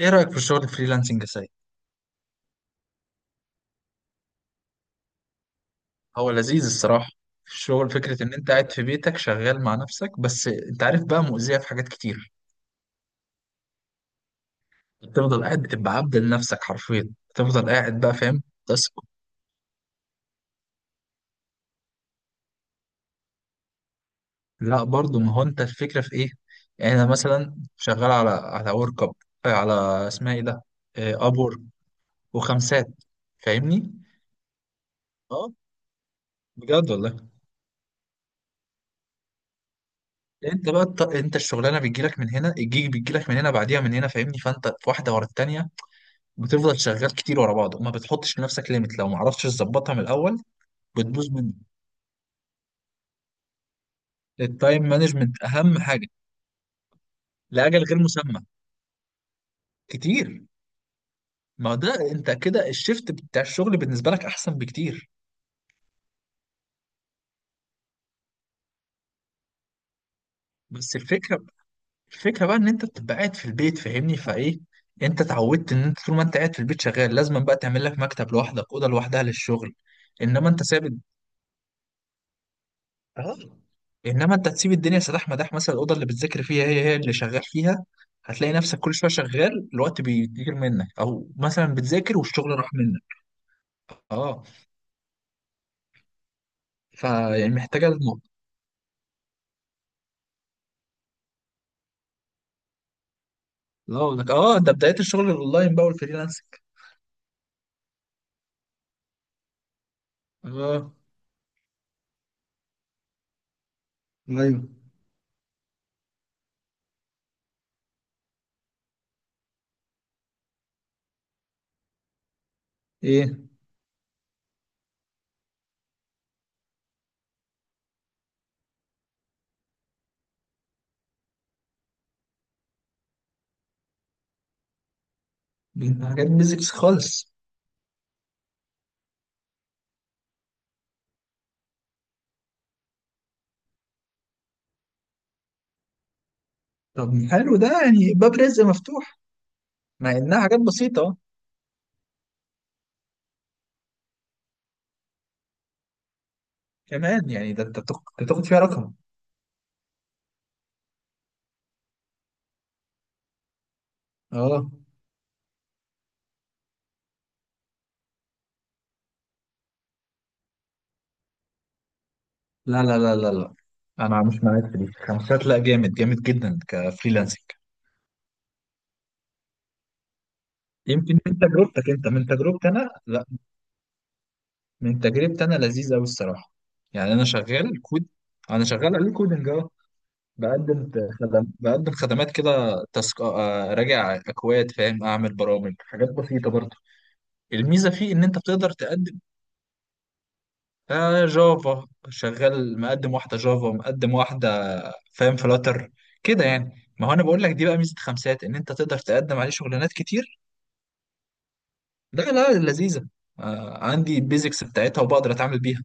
ايه رأيك في الشغل الفريلانسنج يا سيد؟ هو لذيذ الصراحة. في الشغل فكرة ان انت قاعد في بيتك شغال مع نفسك، بس انت عارف بقى مؤذية في حاجات كتير. بتفضل قاعد، بتبقى عبد لنفسك حرفيا، بتفضل قاعد بقى، فاهم، تسكت. لا برضو، ما هو انت الفكرة في ايه؟ يعني انا مثلا شغال على ورك اب، على، اسمها ايه ده؟ ابور وخمسات، فاهمني؟ اه، بجد والله. انت بقى انت الشغلانه بتجيلك من هنا، الجيج بيجيلك من هنا بعديها من هنا، فاهمني، فانت في واحده ورا التانيه. بتفضل شغال كتير ورا بعض وما بتحطش لنفسك ليميت، لو ما عرفتش تظبطها من الاول بتبوظ منك. التايم مانجمنت اهم حاجه، لاجل غير مسمى، كتير. ما ده انت كده الشيفت بتاع الشغل بالنسبه لك احسن بكتير. بس الفكره، الفكره بقى ان انت بتبقى قاعد في البيت، فاهمني، فايه، انت اتعودت ان انت طول ما انت قاعد في البيت شغال، لازم بقى تعمل لك مكتب لوحدك، اوضه لوحدها للشغل. انما انت ثابت. اه. انما انت هتسيب الدنيا سداح مداح، مثلا الاوضه اللي بتذاكر فيها هي هي اللي شغال فيها، هتلاقي نفسك كل شويه شغال الوقت بيطير منك، او مثلا بتذاكر والشغل راح منك. اه، فيعني محتاجه الموضوع. لا أقول لك، اه، ده بدايه الشغل الاونلاين بقى والفريلانسنج. اه، ايوه، ايه، دي حاجات بيزكس خالص. طب حلو، ده يعني باب رزق مفتوح، مع انها حاجات بسيطه. كمان يعني، ده انت بتاخد فيها رقم. اه. لا لا لا لا لا، انا مش معاك في دي. خمسات لا، جامد جامد جدا كفريلانسنج. يمكن من تجربتك انت، من تجربتي انا لا. من تجربتي انا لذيذ قوي الصراحه. يعني انا شغال كود، انا شغال عليه كودنج اهو. بقدم خدم، بقدم خدمات كده، تسك، راجع اكواد، فاهم، اعمل برامج، حاجات بسيطه برضه. الميزه فيه ان انت بتقدر تقدم. آه، جافا، شغال مقدم واحدة جافا، مقدم واحدة، فاهم، فلاتر كده يعني. ما هو أنا بقول لك، دي بقى ميزة خمسات، إن أنت تقدر تقدم عليه شغلانات كتير. لا لا، لذيذة. آه، عندي البيزكس بتاعتها وبقدر أتعامل بيها.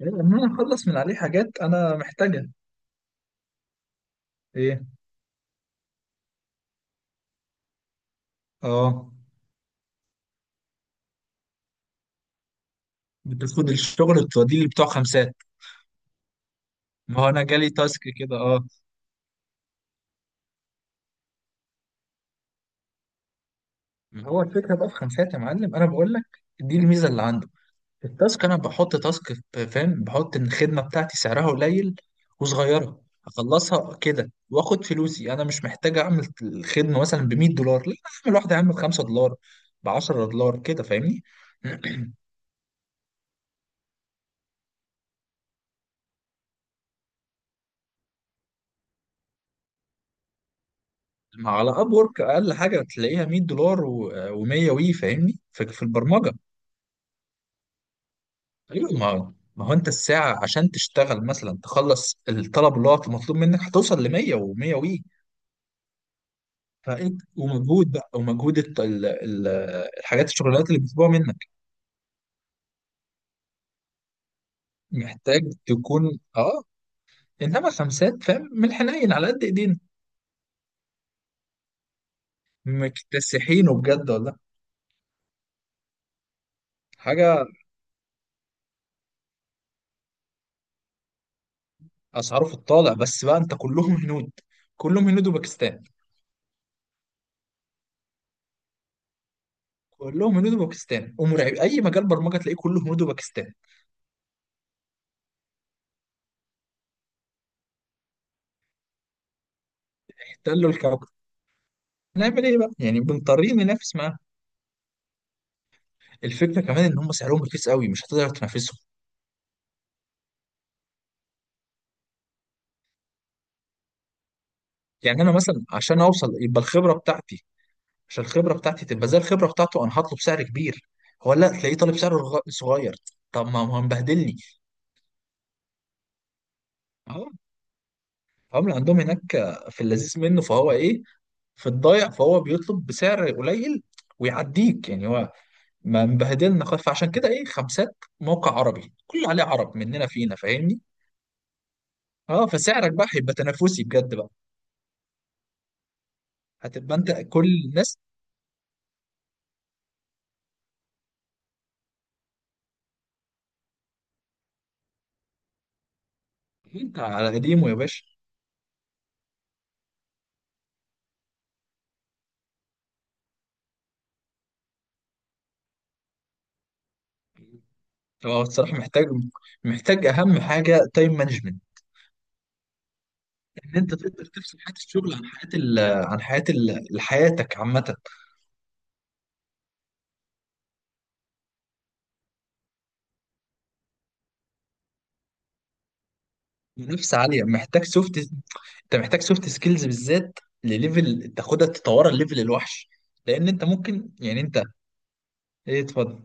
إيه، إن أنا أخلص من عليه حاجات أنا محتاجها. إيه. آه. بتاخد الشغل وتوديه اللي بتوع خمسات. ما هو أنا جالي تاسك كده، آه. ما هو الفكرة بقى في خمسات يا معلم، أنا بقول لك دي الميزة اللي عندي، التاسك. انا بحط تاسك فاهم، بحط ان الخدمه بتاعتي سعرها قليل وصغيره، اخلصها كده واخد فلوسي. انا مش محتاج اعمل الخدمه مثلا ب $100، لا، اعمل واحده، اعمل $5، ب $10 كده، فاهمني. ما على اب ورك اقل حاجه تلاقيها $100 و100 وي، فاهمني، في البرمجه. ايوه، ما هو انت الساعه عشان تشتغل مثلا تخلص الطلب اللي هو مطلوب منك هتوصل ل 100 و100 وي، فانت ومجهود بقى، ومجهود الحاجات، الشغلات اللي بيطلبوها منك، محتاج تكون، اه. انما خمسات، فاهم، من الحنين على قد ايدينا. مكتسحينه بجد والله، حاجه. اسعاره في الطالع، بس بقى انت كلهم هنود، كلهم هنود وباكستان. كلهم هنود وباكستان ومرعب، اي مجال برمجه تلاقيه كله هنود وباكستان. احتلوا الكوكب. نعمل ايه بقى يعني، بنضطرين ننافس معاهم. الفكره كمان ان هم سعرهم رخيص قوي مش هتقدر تنافسهم. يعني انا مثلا عشان اوصل يبقى الخبره بتاعتي، عشان الخبره بتاعتي تبقى زي الخبره بتاعته، انا هطلب سعر كبير، هو لا تلاقيه طالب سعر صغير. طب ما هو مبهدلني. اه، هم عندهم هناك في اللذيذ منه فهو ايه، في الضايع فهو بيطلب بسعر قليل ويعديك. يعني هو ما مبهدلنا خالص، فعشان كده ايه، خمسات موقع عربي كله عليه عرب مننا فينا، فاهمني. اه، فسعرك بقى هيبقى تنافسي بجد بقى، هتبقى انت كل الناس. انت على قديمه يا باشا. هو الصراحه محتاج، محتاج اهم حاجه تايم مانجمنت، ان انت تقدر تفصل حياه الشغل عن حياه عن حياه حياتك عامه. منافسه عاليه، محتاج سوفت، انت محتاج سوفت سكيلز بالذات لليفل تاخدها تطورها الليفل الوحش، لان انت ممكن يعني انت. ايه، اتفضل.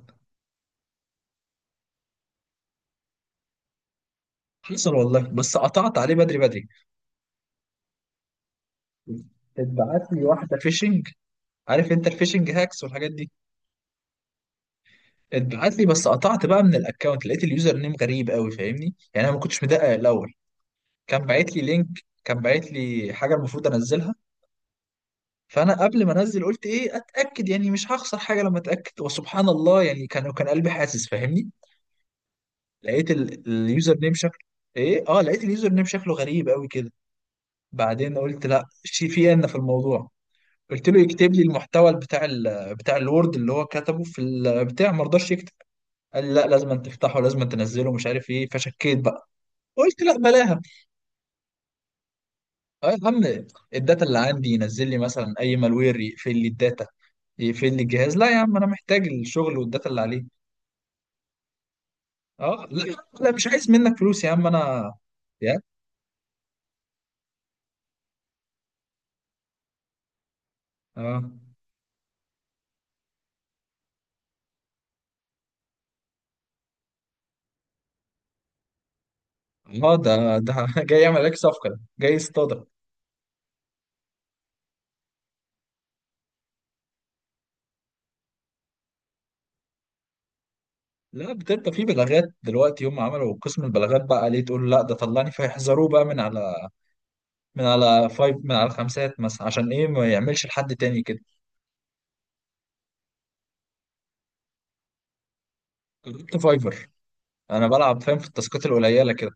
حصل والله، بس قطعت عليه بدري بدري. اتبعت لي واحده فيشنج، عارف انت الفيشنج هاكس والحاجات دي. اتبعت لي بس قطعت بقى من الاكونت، لقيت اليوزر نيم غريب قوي فاهمني، يعني انا ما كنتش مدقق الاول. كان باعت لي لينك، كان باعت لي حاجه المفروض انزلها، فانا قبل ما انزل قلت ايه اتاكد، يعني مش هخسر حاجه لما اتاكد، وسبحان الله يعني كان قلبي حاسس فاهمني. لقيت اليوزر نيم شكله. ايه، اه، لقيت اليوزر نيم شكله غريب قوي كده. بعدين قلت لا، شي في، ان في الموضوع. قلت له يكتب لي المحتوى بتاع ال بتاع الوورد اللي هو كتبه في البتاع، ما رضاش يكتب، قال لي لا لازم أن تفتحه، لازم أن تنزله، مش عارف ايه، فشكيت بقى. قلت لا بلاها. اه يا عم، الداتا اللي عندي، ينزل لي مثلا اي مالوير يقفل لي الداتا، يقفل لي الجهاز، لا يا عم انا محتاج الشغل والداتا اللي عليه. اه لا لا، مش عايز منك فلوس يا عم انا. يا، اه. اه ده جاي يعمل عليك صفقه، ده جاي يصطادك. لا بتبقى في بلاغات دلوقتي، هم عملوا قسم البلاغات بقى، ليه تقول لا ده طلعني، فيحذروه بقى من على من على فايف، من على خمسات مثلا، عشان ايه ما يعملش لحد تاني كده. جربت فايفر، انا بلعب فاهم في التاسكات القليله كده.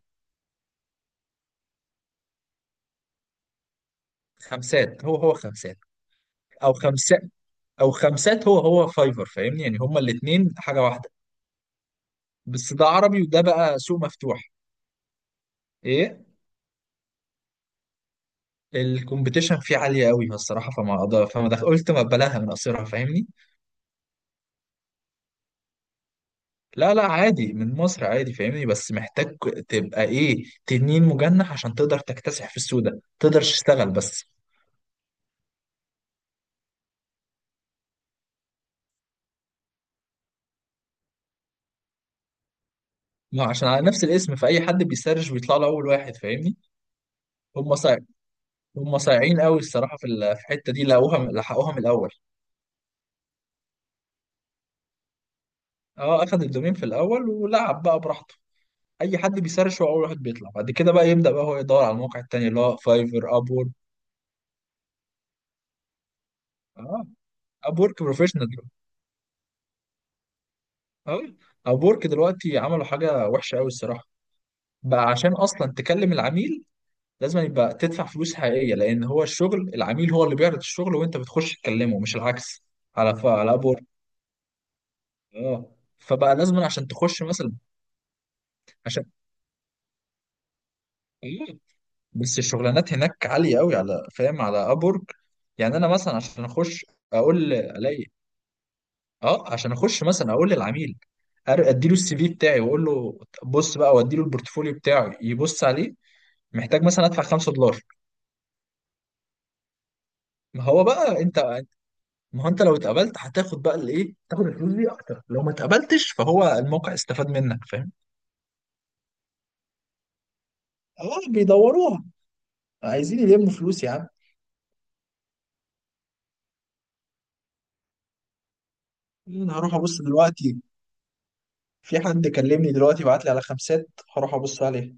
خمسات هو هو خمسات، او خمسات، او خمسات هو هو فايفر، فاهمني يعني هما الاثنين حاجه واحده. بس ده عربي وده بقى سوق مفتوح. ايه، الكومبيتيشن فيه عالية قوي الصراحة فما أقدر، فما دخل قلت ما بلاها من قصيرها فاهمني. لا لا، عادي من مصر عادي فاهمني، بس محتاج تبقى إيه، تنين مجنح عشان تقدر تكتسح في السوق ده، تقدرش تشتغل بس. ما عشان على نفس الاسم، فأي حد بيسرش بيطلع له أول واحد فاهمني. هم صايع، هم صايعين قوي الصراحة في الحتة دي، لقوها لحقوها من الأول. أه، أخد الدومين في الأول ولعب بقى براحته. أي حد بيسرش هو أول واحد بيطلع، بعد كده بقى يبدأ بقى هو يدور على المواقع التانية اللي هو فايفر أبور. أه، ابورك بروفيشنال أوي. أبورك دلوقتي عملوا حاجة وحشة أوي الصراحة، بقى عشان أصلا تكلم العميل لازم يبقى تدفع فلوس حقيقية، لأن هو الشغل العميل هو اللي بيعرض الشغل وأنت بتخش تكلمه مش العكس. على على أبورك. أه، فبقى لازم عشان تخش مثلا، عشان إيه؟ بس الشغلانات هناك عالية أوي، على فاهم على أبورك. يعني أنا مثلا عشان أخش أقول ألاقي. أه، عشان أخش مثلا أقول للعميل، اديله السي في بتاعي واقول له بص بقى، واديله البورتفوليو بتاعي يبص عليه، محتاج مثلا ادفع $5. ما هو بقى انت، ما هو انت لو اتقبلت هتاخد بقى الايه، تاخد الفلوس دي اكتر، لو ما اتقبلتش فهو الموقع استفاد منك، فاهم. اه، بيدوروها، عايزين يلموا فلوس يا عم. انا هروح ابص دلوقتي، في حد كلمني دلوقتي بعت لي على خمسات، هروح ابص عليها.